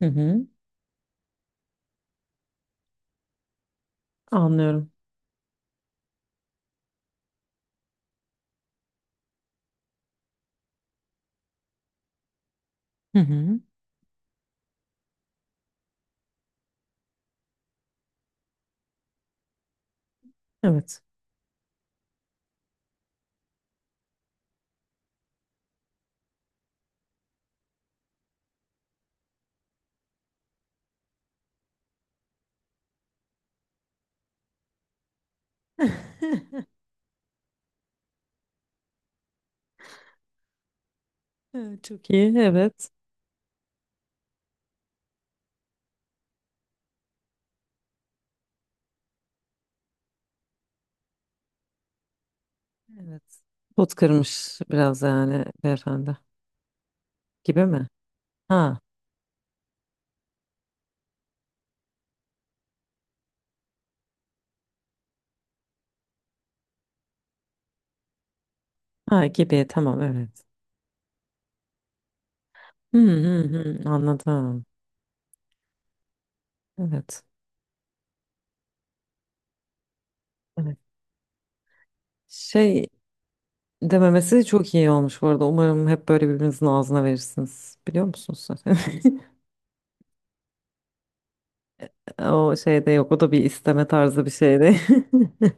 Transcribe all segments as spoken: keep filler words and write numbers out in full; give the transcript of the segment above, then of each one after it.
Hı hı. Anlıyorum. Hı hı. Evet. Çok iyi. Evet. Evet. Pot kırmış biraz yani beyefendi. Gibi mi? Ha. Ha gibi. Tamam evet. Hı hı hı. Anladım. Evet. Evet. Şey dememesi çok iyi olmuş bu arada. Umarım hep böyle birbirinizin ağzına verirsiniz. Biliyor musunuz zaten? O şeyde yok. O da bir isteme tarzı bir şeydi.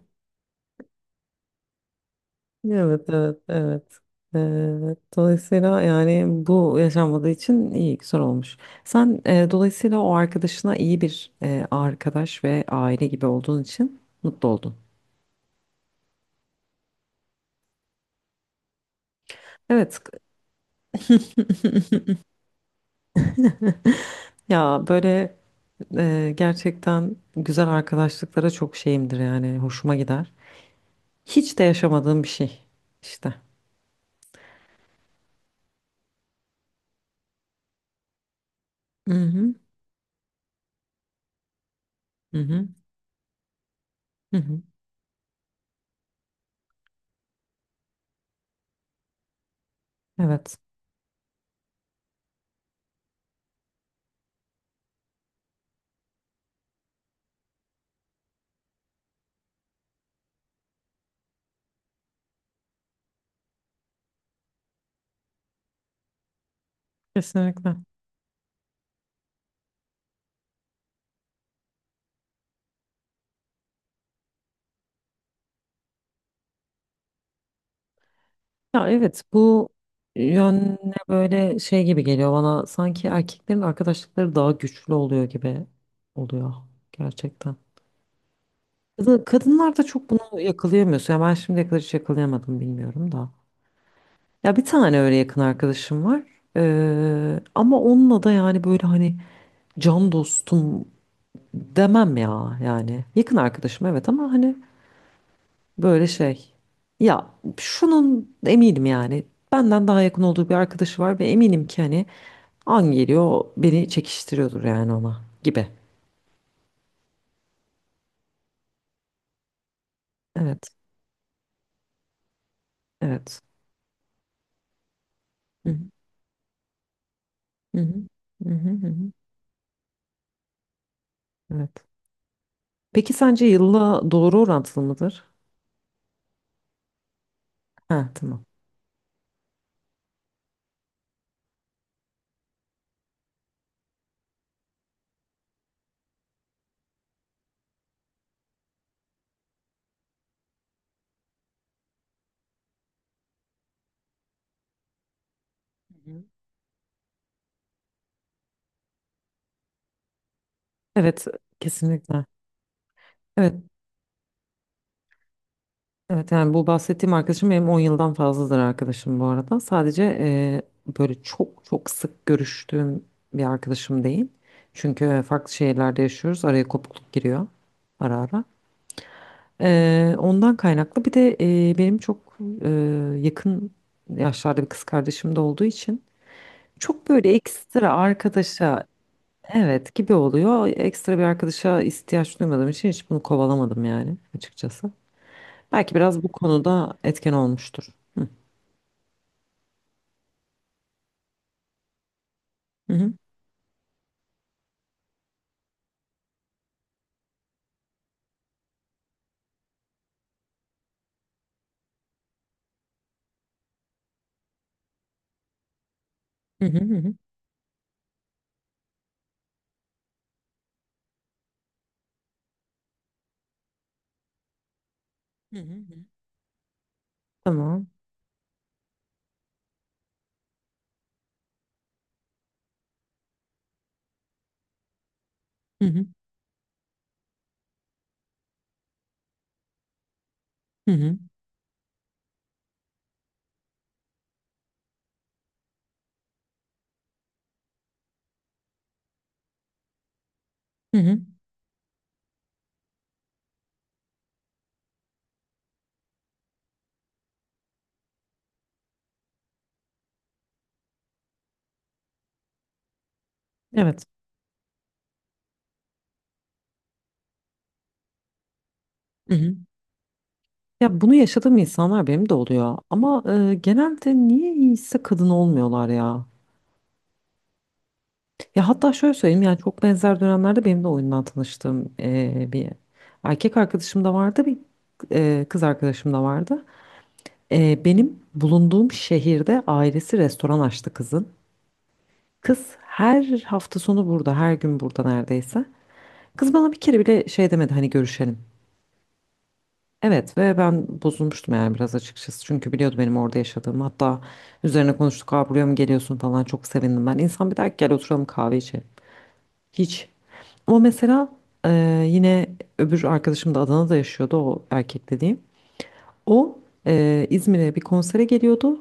Evet, evet, evet. Ee, dolayısıyla yani bu yaşanmadığı için iyi, güzel olmuş. Sen e, dolayısıyla o arkadaşına iyi bir e, arkadaş ve aile gibi olduğun için mutlu oldun. Evet. Ya böyle e, gerçekten güzel arkadaşlıklara çok şeyimdir yani hoşuma gider. Hiç de yaşamadığım bir şey işte. Hı hı. Hı hı. Hı hı. Evet. Kesinlikle. Ya evet bu yönüne böyle şey gibi geliyor bana sanki erkeklerin arkadaşlıkları daha güçlü oluyor gibi oluyor gerçekten. Kadın- Kadınlar da çok bunu yakalayamıyorsun. Ya ben şimdiye kadar hiç yakalayamadım bilmiyorum da. Ya bir tane öyle yakın arkadaşım var. Ee, ama onunla da yani böyle hani can dostum demem ya yani. Yakın arkadaşım evet ama hani böyle şey. Ya şunun eminim yani benden daha yakın olduğu bir arkadaşı var ve eminim ki hani an geliyor o beni çekiştiriyordur yani ona gibi. Evet, evet. Hı hı, hı hı, hı hı, hı hı. Evet. Peki sence yılla doğru orantılı mıdır? Ha, tamam. Hı hı. Evet, kesinlikle. Evet, evet yani bu bahsettiğim arkadaşım benim on yıldan fazladır arkadaşım bu arada. Sadece eee, böyle çok çok sık görüştüğüm bir arkadaşım değil. Çünkü farklı şehirlerde yaşıyoruz. Araya kopukluk giriyor ara ara. Eee, ondan kaynaklı. Bir de eee, benim çok eee, yakın yaşlarda bir kız kardeşim de olduğu için çok böyle ekstra arkadaşa evet gibi oluyor. Ekstra bir arkadaşa ihtiyaç duymadığım için hiç bunu kovalamadım yani açıkçası. Belki biraz bu konuda etken olmuştur. Hı. Hı hı. Hı hı hı. Hı. Hı hı. Tamam. Hı hı hı hı. Hı hı. Evet. Hı hı. Ya bunu yaşadığım insanlar benim de oluyor. Ama eee, genelde niye iyiyse kadın olmuyorlar ya. Ya hatta şöyle söyleyeyim yani çok benzer dönemlerde benim de oyundan tanıştığım eee, bir erkek arkadaşım da vardı bir eee, kız arkadaşım da vardı. Eee, benim bulunduğum şehirde ailesi restoran açtı kızın. Kız her hafta sonu burada her gün burada neredeyse. Kız bana bir kere bile şey demedi hani görüşelim. Evet ve ben bozulmuştum yani biraz açıkçası. Çünkü biliyordu benim orada yaşadığımı. Hatta üzerine konuştuk. Aa buraya mı geliyorsun falan çok sevindim ben. İnsan bir der ki gel oturalım kahve içelim. Hiç. O mesela eee, yine öbür arkadaşım da Adana'da yaşıyordu o erkek dediğim. O eee, İzmir'e bir konsere geliyordu.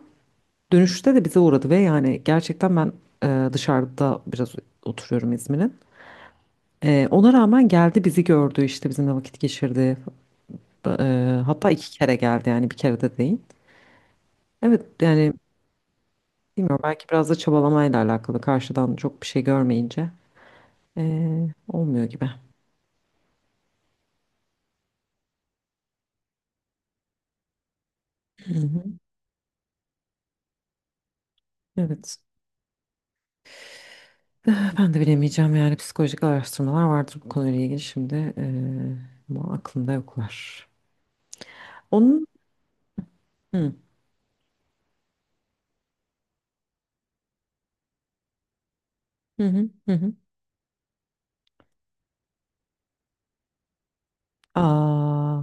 Dönüşte de bize uğradı ve yani gerçekten ben eee, dışarıda biraz oturuyorum İzmir'in. Eee, ona rağmen geldi bizi gördü işte bizimle vakit geçirdi. Eee, hatta iki kere geldi yani bir kere de değil. Evet yani bilmiyorum belki biraz da çabalamayla alakalı karşıdan çok bir şey görmeyince eee, olmuyor gibi. Hı hı. Evet. Eh, ben de bilemeyeceğim yani psikolojik araştırmalar vardır bu konuyla ilgili şimdi eee, ama aklımda yoklar. Onun hı hı hı hı. Hı. Aa,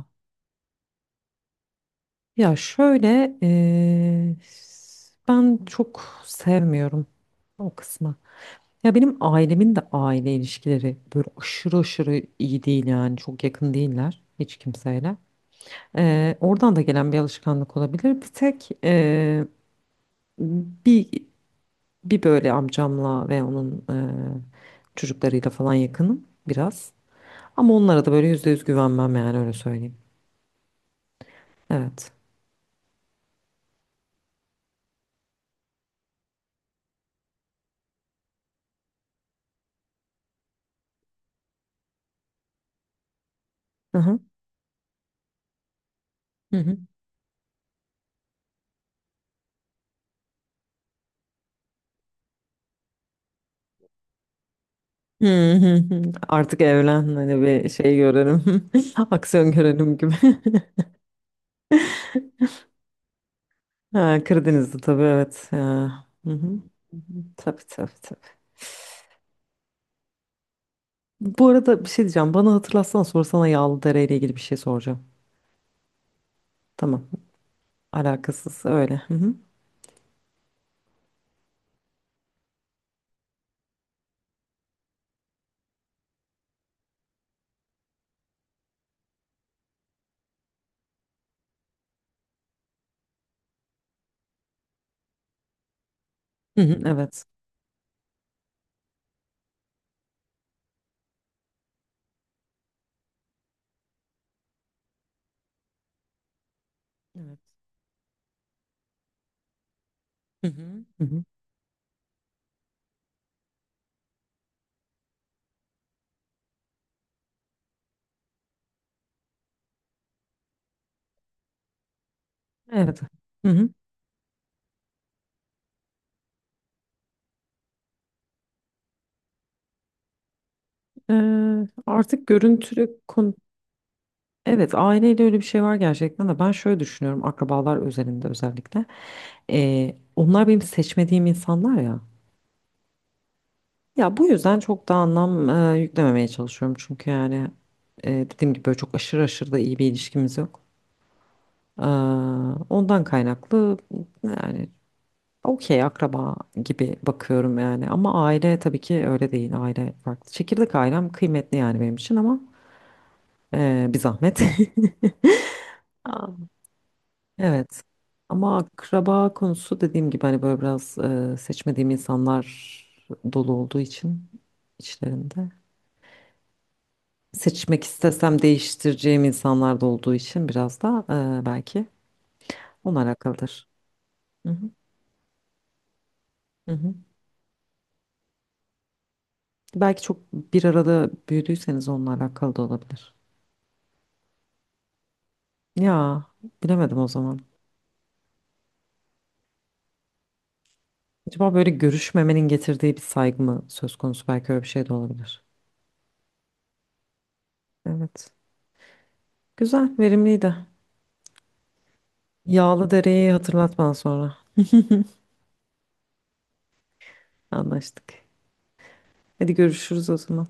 ya şöyle eee, ben çok sevmiyorum o kısmı. Ya benim ailemin de aile ilişkileri böyle aşırı aşırı iyi değil yani çok yakın değiller hiç kimseyle. Eee, oradan da gelen bir alışkanlık olabilir. Bir tek eee, bir bir böyle amcamla ve onun e, çocuklarıyla falan yakınım biraz. Ama onlara da böyle yüzde yüz güvenmem yani öyle söyleyeyim. Evet. Hı hı. Hı hı. Hı hı hı. Artık evlen hani bir şey görelim. Aksiyon görelim gibi. Ha, Karadeniz'de tabii evet. Ya. Hı hı. Tabii tabii tabii. Bu arada bir şey diyeceğim. Bana hatırlatsana sonra sana Yağlıdere ile ilgili bir şey soracağım. Tamam. Alakasız öyle. Hı hı. Hı hı. Evet. Evet. Hı hı. Hı hı. Evet. Hı hı. Ee, artık görüntülü kon, Evet aileyle öyle bir şey var gerçekten de ben şöyle düşünüyorum akrabalar özelinde özellikle. Ee, onlar benim seçmediğim insanlar ya. Ya bu yüzden çok da anlam e, yüklememeye çalışıyorum. Çünkü yani e, dediğim gibi böyle çok aşırı aşırı da iyi bir ilişkimiz yok. Ee, ondan kaynaklı yani okey akraba gibi bakıyorum yani. Ama aile tabii ki öyle değil aile farklı. Çekirdek ailem kıymetli yani benim için ama e, bir zahmet. Aa. Evet. Ama akraba konusu dediğim gibi hani böyle biraz e, seçmediğim insanlar dolu olduğu için içlerinde. Seçmek istesem değiştireceğim insanlar da olduğu için biraz da e, belki onunla alakalıdır. Hı hı, hı hı. Belki çok bir arada büyüdüyseniz onunla alakalı da olabilir. Ya bilemedim o zaman. Acaba böyle görüşmemenin getirdiği bir saygı mı söz konusu? Belki öyle bir şey de olabilir. Evet. Güzel, verimliydi. Yağlı dereyi hatırlat bana sonra. Anlaştık. Hadi görüşürüz o zaman.